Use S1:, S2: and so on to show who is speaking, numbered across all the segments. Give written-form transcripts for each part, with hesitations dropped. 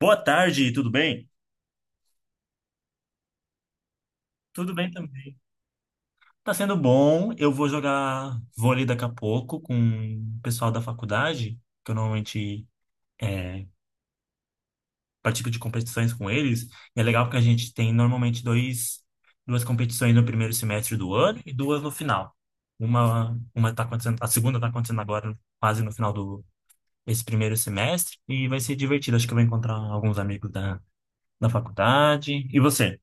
S1: Boa tarde, tudo bem? Tudo bem também. Tá sendo bom. Eu vou jogar vôlei daqui a pouco com o pessoal da faculdade, que eu normalmente é, participo de competições com eles. E é legal porque a gente tem normalmente duas competições no primeiro semestre do ano e duas no final. Uma tá acontecendo, a segunda tá acontecendo agora, quase no final do esse primeiro semestre, e vai ser divertido. Acho que eu vou encontrar alguns amigos da faculdade. E você?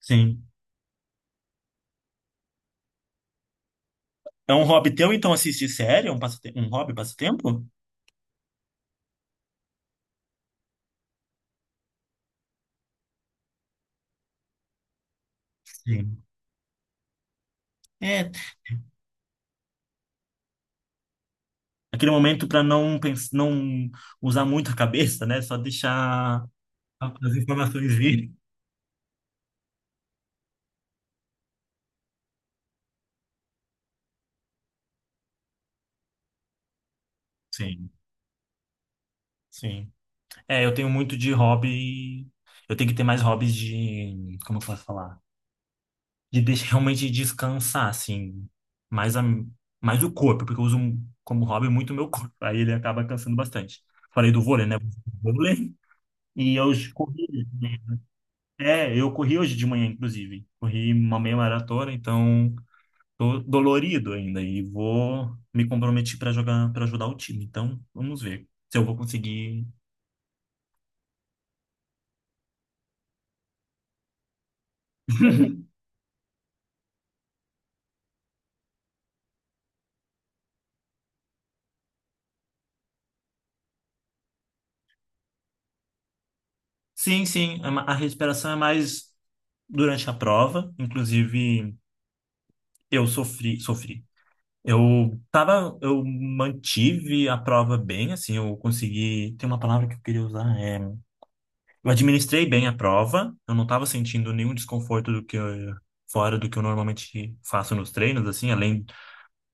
S1: Sim. É um hobby teu, então, assistir série? É um, um hobby, passatempo? Sim. É, aquele momento para não usar muito a cabeça, né? Só deixar as informações virem. Sim, sim. É, eu tenho muito de hobby. Eu tenho que ter mais hobbies de. Como eu posso falar? De deixar, realmente descansar, assim. Mais, mais o corpo, porque eu uso como hobby muito o meu corpo. Aí ele acaba cansando bastante. Falei do vôlei, né? Vôlei. E eu corri. É, eu corri hoje de manhã, inclusive. Corri uma meia maratona, então tô dolorido ainda e vou me comprometer para jogar, para ajudar o time. Então, vamos ver se eu vou conseguir. Sim, sim, a a respiração é mais durante a prova. Inclusive, sofri. Eu mantive a prova bem, assim, eu consegui. Tem uma palavra que eu queria usar, é. Eu administrei bem a prova, eu não estava sentindo nenhum desconforto fora do que eu normalmente faço nos treinos, assim, além,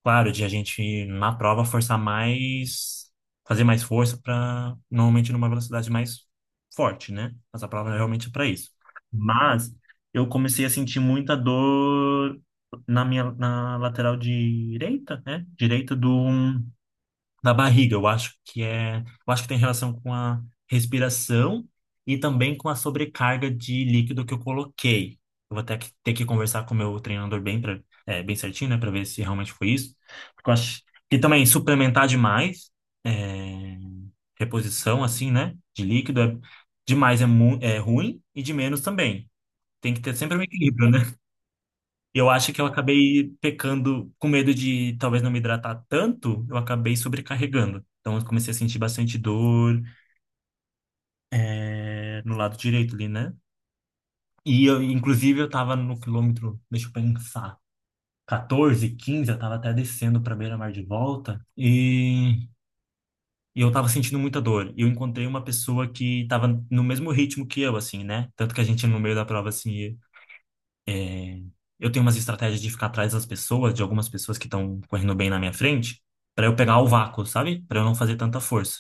S1: claro, de a gente na prova forçar mais, fazer mais força para normalmente numa velocidade mais forte, né? Mas a prova é realmente para isso. Mas eu comecei a sentir muita dor na minha na lateral direita, né? Direita do um na barriga. Eu acho que tem relação com a respiração e também com a sobrecarga de líquido que eu coloquei. Eu vou ter que conversar com o meu treinador bem certinho, né, para ver se realmente foi isso. Porque eu acho que também suplementar demais, é, reposição assim, né, de líquido é ruim e de menos também. Tem que ter sempre um equilíbrio, né? E eu acho que eu acabei pecando com medo de talvez não me hidratar tanto, eu acabei sobrecarregando. Então eu comecei a sentir bastante dor no lado direito ali, né? E eu, inclusive eu tava no quilômetro, deixa eu pensar, 14, 15, eu tava até descendo pra beira-mar de volta, e eu tava sentindo muita dor. E eu encontrei uma pessoa que tava no mesmo ritmo que eu, assim, né? Tanto que a gente no meio da prova, assim. Eu tenho umas estratégias de ficar atrás das pessoas, de algumas pessoas que estão correndo bem na minha frente, pra eu pegar o vácuo, sabe? Pra eu não fazer tanta força.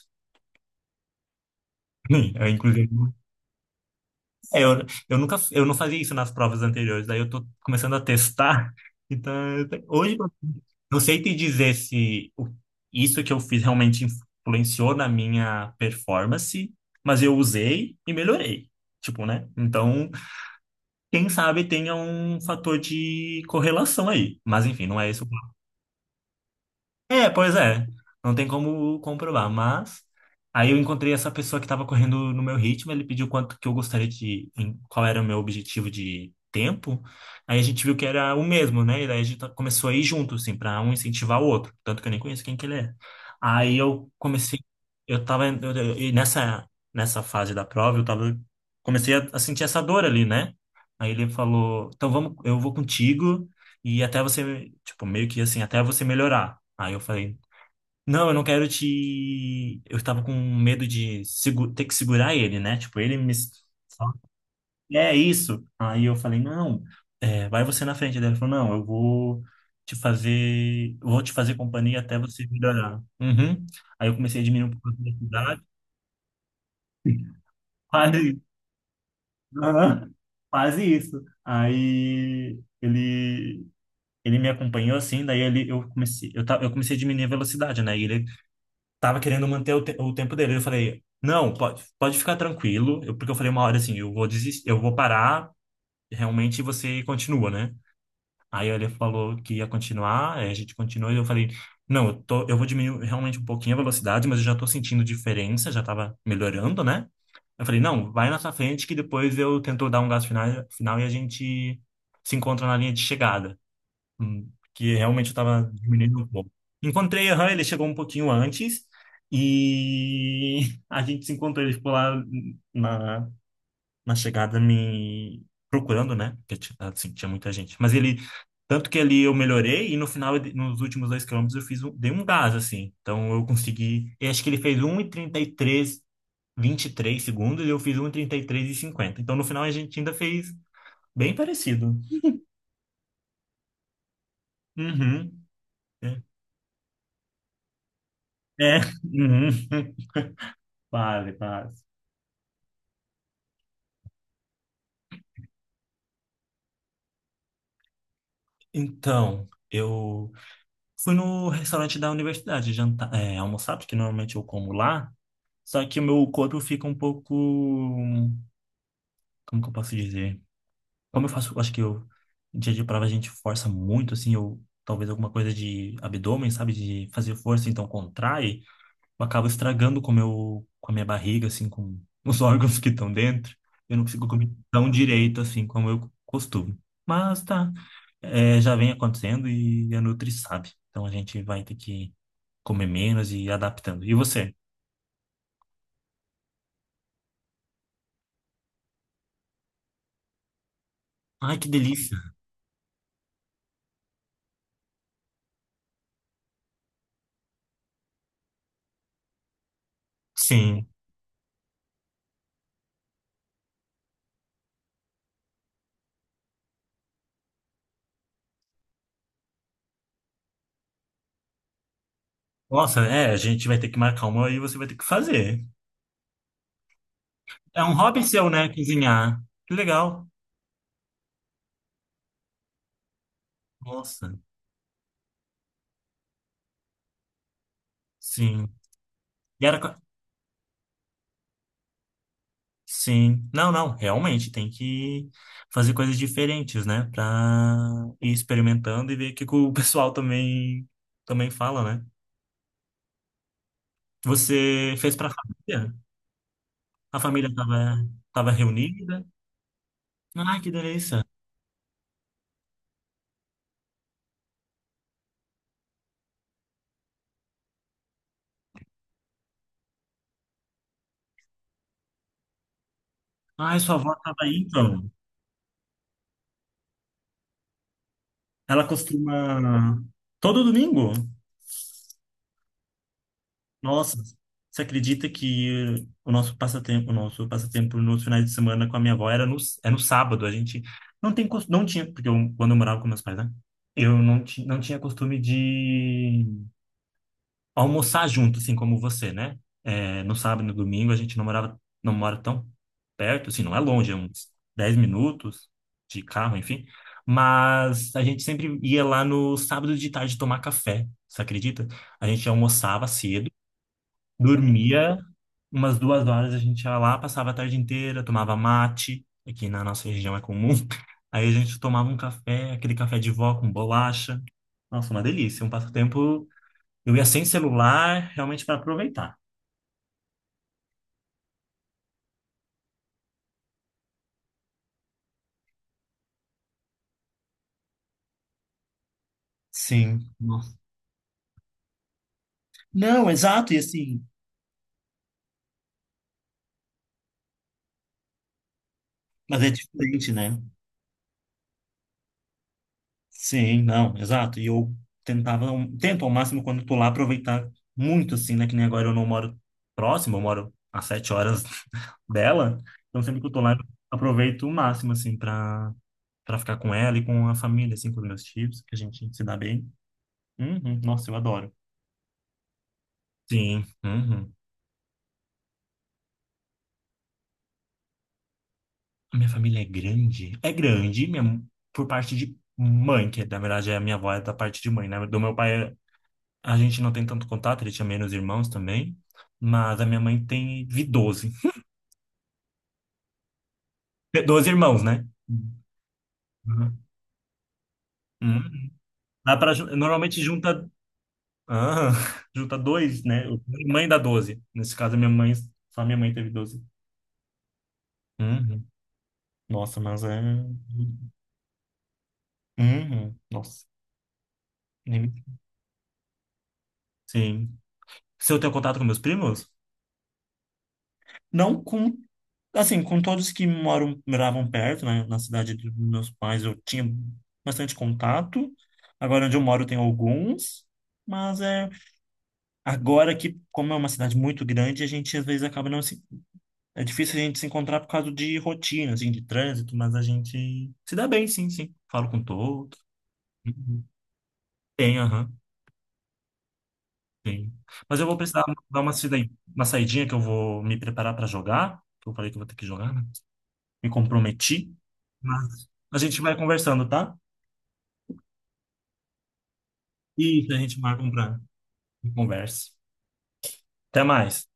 S1: Eu, inclusive, é, eu, eu não fazia isso nas provas anteriores, daí eu tô começando a testar. Então, hoje eu não sei te dizer se isso que eu fiz realmente influenciou na minha performance, mas eu usei e melhorei. Tipo, né? Então, quem sabe tenha um fator de correlação aí. Mas enfim, não é esse. É, pois é. Não tem como comprovar, mas aí eu encontrei essa pessoa que estava correndo no meu ritmo, ele pediu quanto que eu gostaria de, qual era o meu objetivo de tempo. Aí a gente viu que era o mesmo, né? E daí a gente começou a ir junto, assim, para um incentivar o outro, tanto que eu nem conheço quem que ele é. Aí eu comecei, eu tava eu- e nessa nessa fase da prova, eu tava comecei a sentir essa dor ali, né? Aí ele falou: "Então vamos, eu vou contigo e até você, tipo, meio que assim, até você melhorar". Aí eu falei, não, eu não quero te. Eu estava com medo de ter que segurar ele, né? Tipo, ele me. só-. É isso. Aí eu falei, não, é, vai você na frente. Daí ele falou, não, eu vou te fazer companhia até você melhorar. Uhum. Aí eu comecei a diminuir um pouco a velocidade. Quase isso. Aham. Quase isso. Ele me acompanhou assim, daí ele, eu comecei, eu, ta- eu comecei a diminuir a velocidade, né? E ele tava querendo manter o tempo dele. Eu falei, não, pode, pode ficar tranquilo. Porque eu falei uma hora assim, eu vou desistir, eu vou parar, realmente você continua, né? Aí ele falou que ia continuar, aí a gente continuou e eu falei, não, eu vou diminuir realmente um pouquinho a velocidade, mas eu já tô sentindo diferença, já tava melhorando, né? Eu falei, não, vai na sua frente que depois eu tento dar um gás final e a gente se encontra na linha de chegada. Que realmente eu tava diminuindo um pouco. Encontrei, aham, ele chegou um pouquinho antes e a gente se encontrou, ele ficou lá na, na chegada me procurando, né? Porque assim, tinha muita gente. Mas ele, tanto que ali eu melhorei e no final, nos últimos dois quilômetros, dei um gás, assim. Então eu consegui, eu acho que ele fez um e trinta e três, vinte e três segundos e eu fiz um e trinta e três e cinquenta. Então no final a gente ainda fez bem parecido. Uhum. É, uhum. Fale, fale. Então, eu fui no restaurante da universidade almoçar, porque normalmente eu como lá, só que o meu corpo fica um pouco, como que eu posso dizer? Como eu faço, acho que eu, em dia de prova a gente força muito, assim, eu, talvez alguma coisa de abdômen, sabe, de fazer força, então contrai, eu acabo estragando com o com a minha barriga, assim, com os órgãos que estão dentro. Eu não consigo comer tão direito, assim, como eu costumo. Mas tá, é, já vem acontecendo e a Nutri sabe. Então a gente vai ter que comer menos e ir adaptando. E você? Ai, que delícia. Sim. Nossa, é, a gente vai ter que marcar uma e você vai ter que fazer. É um hobby seu, né? Cozinhar. Que legal. Nossa, sim. E era, co-. Sim. Não, realmente tem que fazer coisas diferentes, né? Pra ir experimentando e ver o que que o pessoal também fala, né? Você fez pra família? A família tava, tava reunida? Ai, que delícia. Ai, sua avó tava aí, então. Ela costuma... Todo domingo? Nossa, você acredita que o nosso passatempo nos finais de semana com a minha avó era é no sábado. A gente não tinha, porque eu, quando eu morava com meus pais, né? Eu não, ti, não tinha costume de almoçar junto, assim como você, né? É, no sábado e no domingo a gente não mora tão perto, assim, não é longe, é uns 10 minutos de carro, enfim. Mas a gente sempre ia lá no sábado de tarde tomar café, você acredita? A gente almoçava cedo. Dormia umas duas horas, a gente ia lá, passava a tarde inteira, tomava mate, aqui na nossa região é comum. Aí a gente tomava um café, aquele café de vó com bolacha. Nossa, uma delícia, um passatempo. Eu ia sem celular, realmente para aproveitar. Sim. Nossa. Não, exato, e assim, mas é diferente, né? Sim, não, exato. Tento ao máximo quando tô lá aproveitar muito, assim, né? Que nem agora eu não moro próximo, eu moro a sete horas dela. Então sempre que eu tô lá, eu aproveito o máximo, assim, pra ficar com ela e com a família, assim, com os meus tios, que a gente se dá bem. Uhum, nossa, eu adoro. Sim, uhum. A minha família é grande? É grande, minha, por parte de mãe, que na verdade a minha avó é da parte de mãe, né? Do meu pai, a gente não tem tanto contato, ele tinha menos irmãos também, mas a minha mãe tem teve doze irmãos, né? Uhum. Uhum. Dá pra, normalmente junta, ah, junta dois, né? Minha mãe dá doze. Nesse caso, a minha mãe, só minha mãe teve 12. Uhum. Nossa, mas é. Uhum. Nossa. Nem- me-. Sim. Se eu tenho contato com meus primos? Não com, assim, com todos que moravam perto, né? Na cidade dos meus pais eu tinha bastante contato. Agora onde eu moro tem alguns, mas é agora que, como é uma cidade muito grande, a gente às vezes acaba não se... É difícil a gente se encontrar por causa de rotina, assim, de trânsito, mas a gente se dá bem, sim, sim. Falo com todos. Uhum. Tem, aham, tem. Mas eu vou precisar dar uma uma saidinha que eu vou me preparar para jogar, que eu falei que eu vou ter que jogar, né? Me comprometi, mas a gente vai conversando, tá? Isso, a gente marca um pra conversa. Até mais.